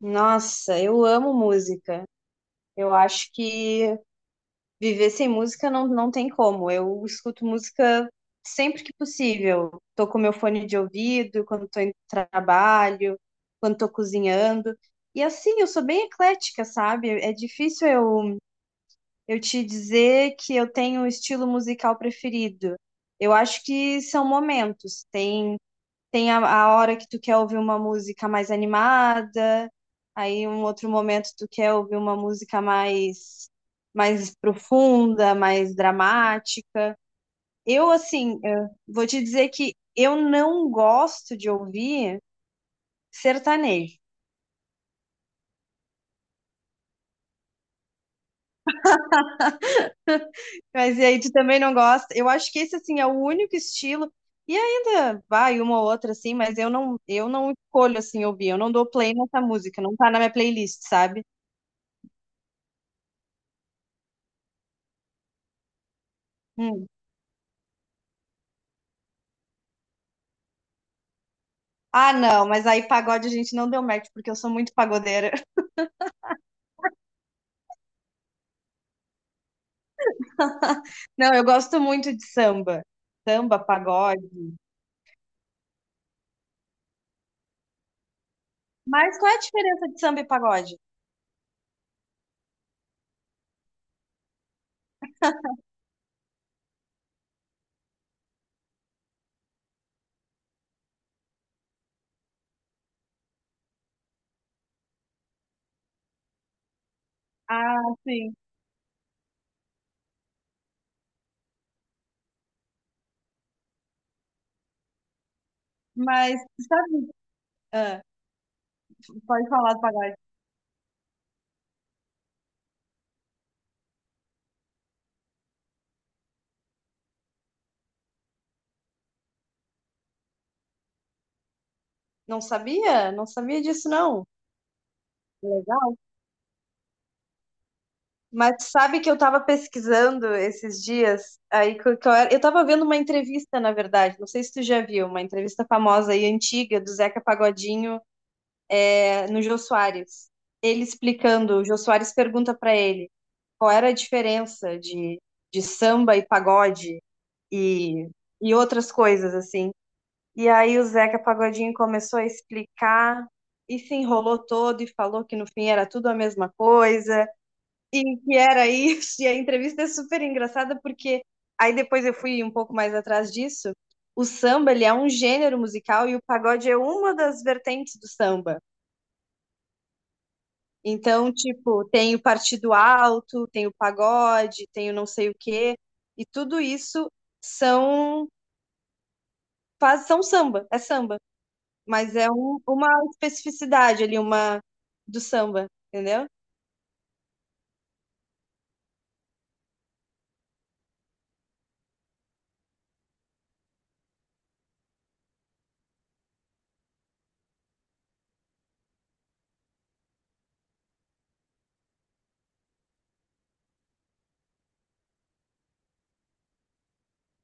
Nossa, eu amo música. Eu acho que viver sem música não tem como. Eu escuto música sempre que possível. Tô com meu fone de ouvido, quando tô em trabalho, quando tô cozinhando. E assim, eu sou bem eclética, sabe? É difícil eu te dizer que eu tenho um estilo musical preferido. Eu acho que são momentos. Tem a hora que tu quer ouvir uma música mais animada, aí um outro momento tu quer ouvir uma música mais profunda, mais dramática. Eu, assim, eu vou te dizer que eu não gosto de ouvir sertanejo. Mas e aí, tu também não gosta? Eu acho que esse, assim, é o único estilo. E ainda vai uma ou outra, assim, mas eu não escolho, assim, ouvir. Eu não dou play nessa música, não tá na minha playlist, sabe? Hum. Ah, não, mas aí pagode a gente não deu match, porque eu sou muito pagodeira. Não, eu gosto muito de samba. Samba, pagode. Mas qual é a diferença de samba e pagode? Ah, sim. Mas, sabe? Ah, pode falar do pagode. Não sabia? Não sabia disso, não. Legal. Mas sabe que eu tava pesquisando esses dias, aí que eu tava vendo uma entrevista, na verdade, não sei se tu já viu, uma entrevista famosa e antiga do Zeca Pagodinho, no Jô Soares. Ele explicando, o Jô Soares pergunta pra ele qual era a diferença de samba e pagode e, e outras coisas, assim. E aí o Zeca Pagodinho começou a explicar e se enrolou todo e falou que no fim era tudo a mesma coisa. E que era isso, e a entrevista é super engraçada porque aí depois eu fui um pouco mais atrás disso. O samba, ele é um gênero musical e o pagode é uma das vertentes do samba. Então, tipo, tem o partido alto, tem o pagode, tem o não sei o quê, e tudo isso são são samba, é samba, mas uma especificidade ali, uma do samba, entendeu?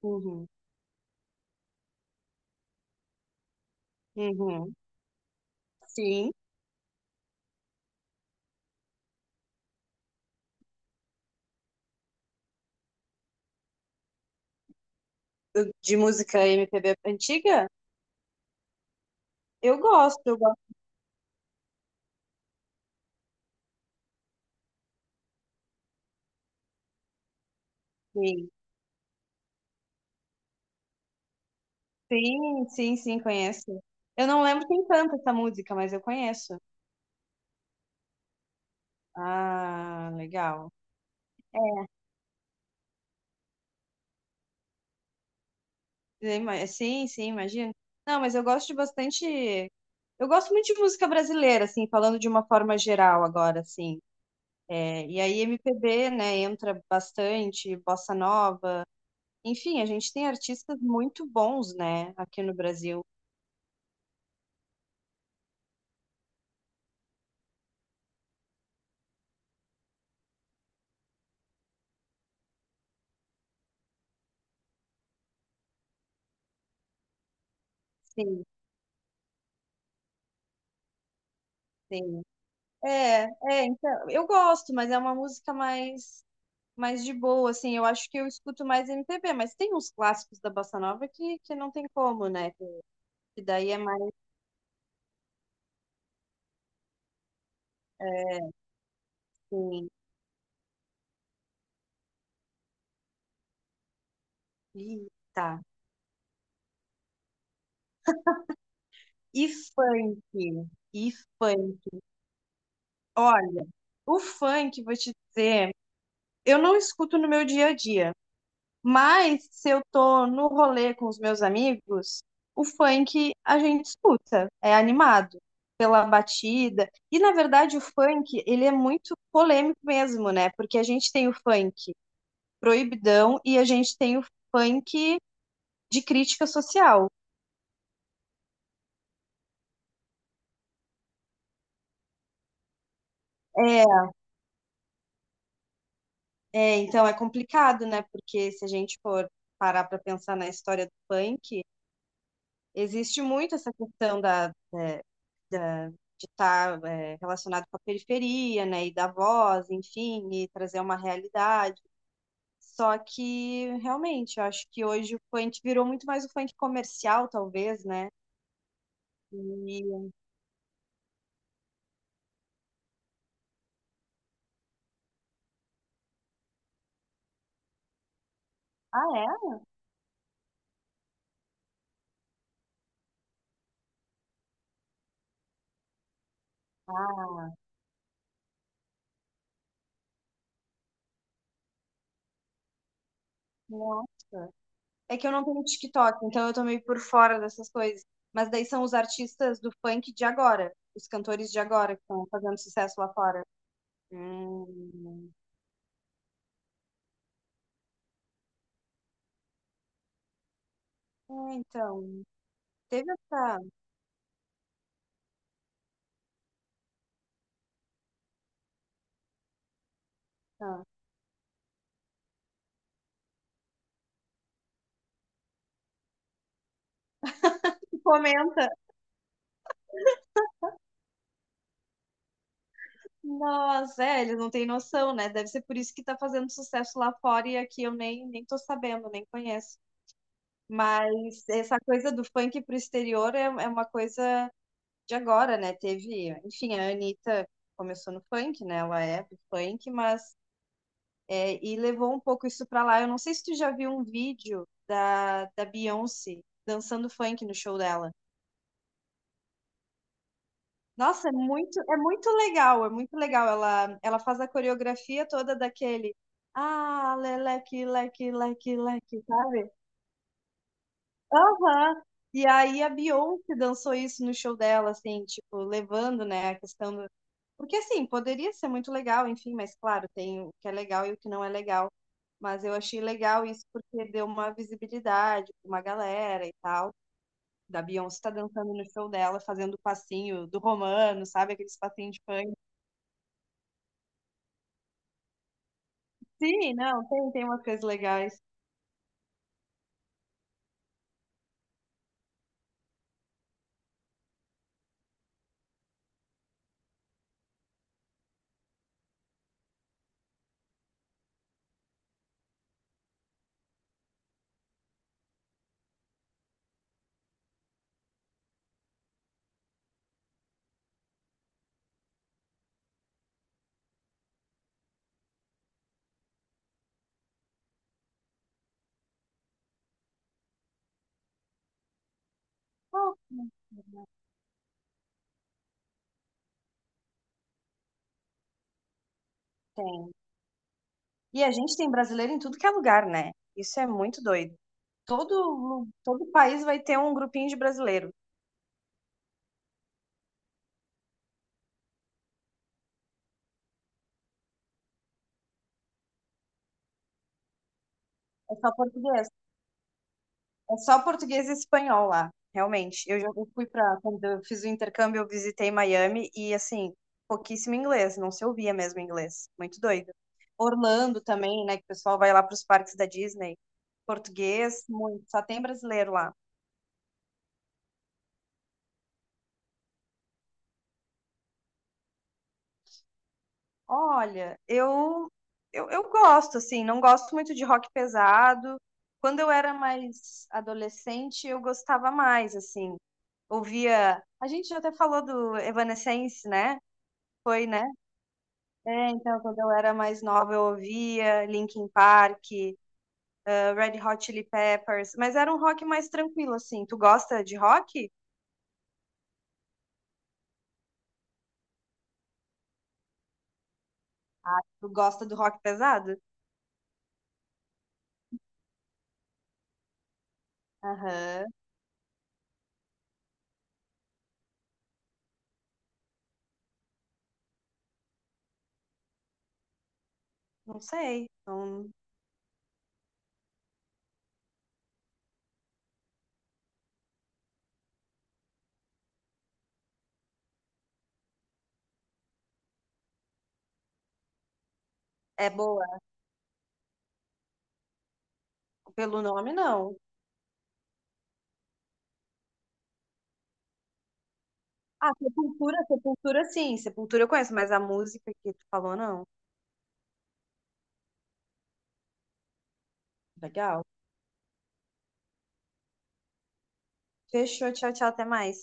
Uhum, uhum. Sim, de música MPB antiga? Eu gosto, gostei. Sim, sim, sim, conheço. Eu não lembro quem canta essa música, mas eu conheço. Ah, legal. Sim, sim, imagino. Não, mas eu gosto de bastante. Eu gosto muito de música brasileira, assim, falando de uma forma geral agora, assim. É, e aí MPB, né, entra bastante, bossa nova. Enfim, a gente tem artistas muito bons, né, aqui no Brasil. Sim, sim. É, então, eu gosto, mas é uma música mais mais de boa, assim, eu acho que eu escuto mais MPB, mas tem uns clássicos da Bossa Nova que não tem como, né? Que daí é mais, é, assim, eita. E funk, e funk. Olha, o funk, vou te dizer, eu não escuto no meu dia a dia, mas se eu tô no rolê com os meus amigos, o funk a gente escuta, é animado pela batida. E na verdade o funk, ele é muito polêmico mesmo, né? Porque a gente tem o funk proibidão, e a gente tem o funk de crítica social. É, então é complicado, né? Porque se a gente for parar para pensar na história do funk, existe muito essa questão de é, relacionado com a periferia, né? E da voz, enfim, e trazer uma realidade. Só que realmente, eu acho que hoje o funk virou muito mais o funk comercial, talvez, né? E... Ah, é? Ah Nossa. É que eu não tenho TikTok, então eu tô meio por fora dessas coisas. Mas daí são os artistas do funk de agora, os cantores de agora que estão fazendo sucesso lá fora. Hum. É, então, teve essa. essa- Tu Comenta. Nossa, é, eles não têm noção, né? Deve ser por isso que tá fazendo sucesso lá fora e aqui eu nem tô sabendo, nem conheço. Mas essa coisa do funk pro exterior é uma coisa de agora, né? Teve, enfim, a Anitta começou no funk, né? Ela é do funk, mas é, e levou um pouco isso pra lá. Eu não sei se tu já viu um vídeo da Beyoncé dançando funk no show dela. Nossa, é muito legal, é muito legal. Ela faz a coreografia toda daquele. Ah, leleque, leque, leque, leque, sabe? Aham. E aí a Beyoncé dançou isso no show dela, assim, tipo, levando, né, a questão. Porque assim, poderia ser muito legal, enfim, mas claro, tem o que é legal e o que não é legal. Mas eu achei legal isso porque deu uma visibilidade pra uma galera e tal. Da Beyoncé tá dançando no show dela, fazendo o passinho do Romano, sabe? Aqueles passinhos de funk. Sim, não, tem, tem umas coisas legais. Qual que não tem? E a gente tem brasileiro em tudo que é lugar, né? Isso é muito doido. Todo país vai ter um grupinho de brasileiro. É só português. É só português e espanhol lá, realmente. Eu já fui para quando eu fiz o intercâmbio, eu visitei Miami e assim, pouquíssimo inglês, não se ouvia mesmo inglês. Muito doido. Orlando também, né, que o pessoal vai lá para os parques da Disney. Português, muito, só tem brasileiro lá. Olha, eu, eu gosto assim, não gosto muito de rock pesado. Quando eu era mais adolescente, eu gostava mais assim. Ouvia, a gente já até falou do Evanescence, né? Foi, né? É, então, quando eu era mais nova, eu ouvia Linkin Park, Red Hot Chili Peppers, mas era um rock mais tranquilo, assim. Tu gosta de rock? Tu gosta do rock pesado? Aham, não sei. É boa. Pelo nome, não. Ah, Sepultura, Sepultura, sim. Sepultura eu conheço, mas a música que tu falou, não. Legal. Fechou, tchau, tchau, até mais.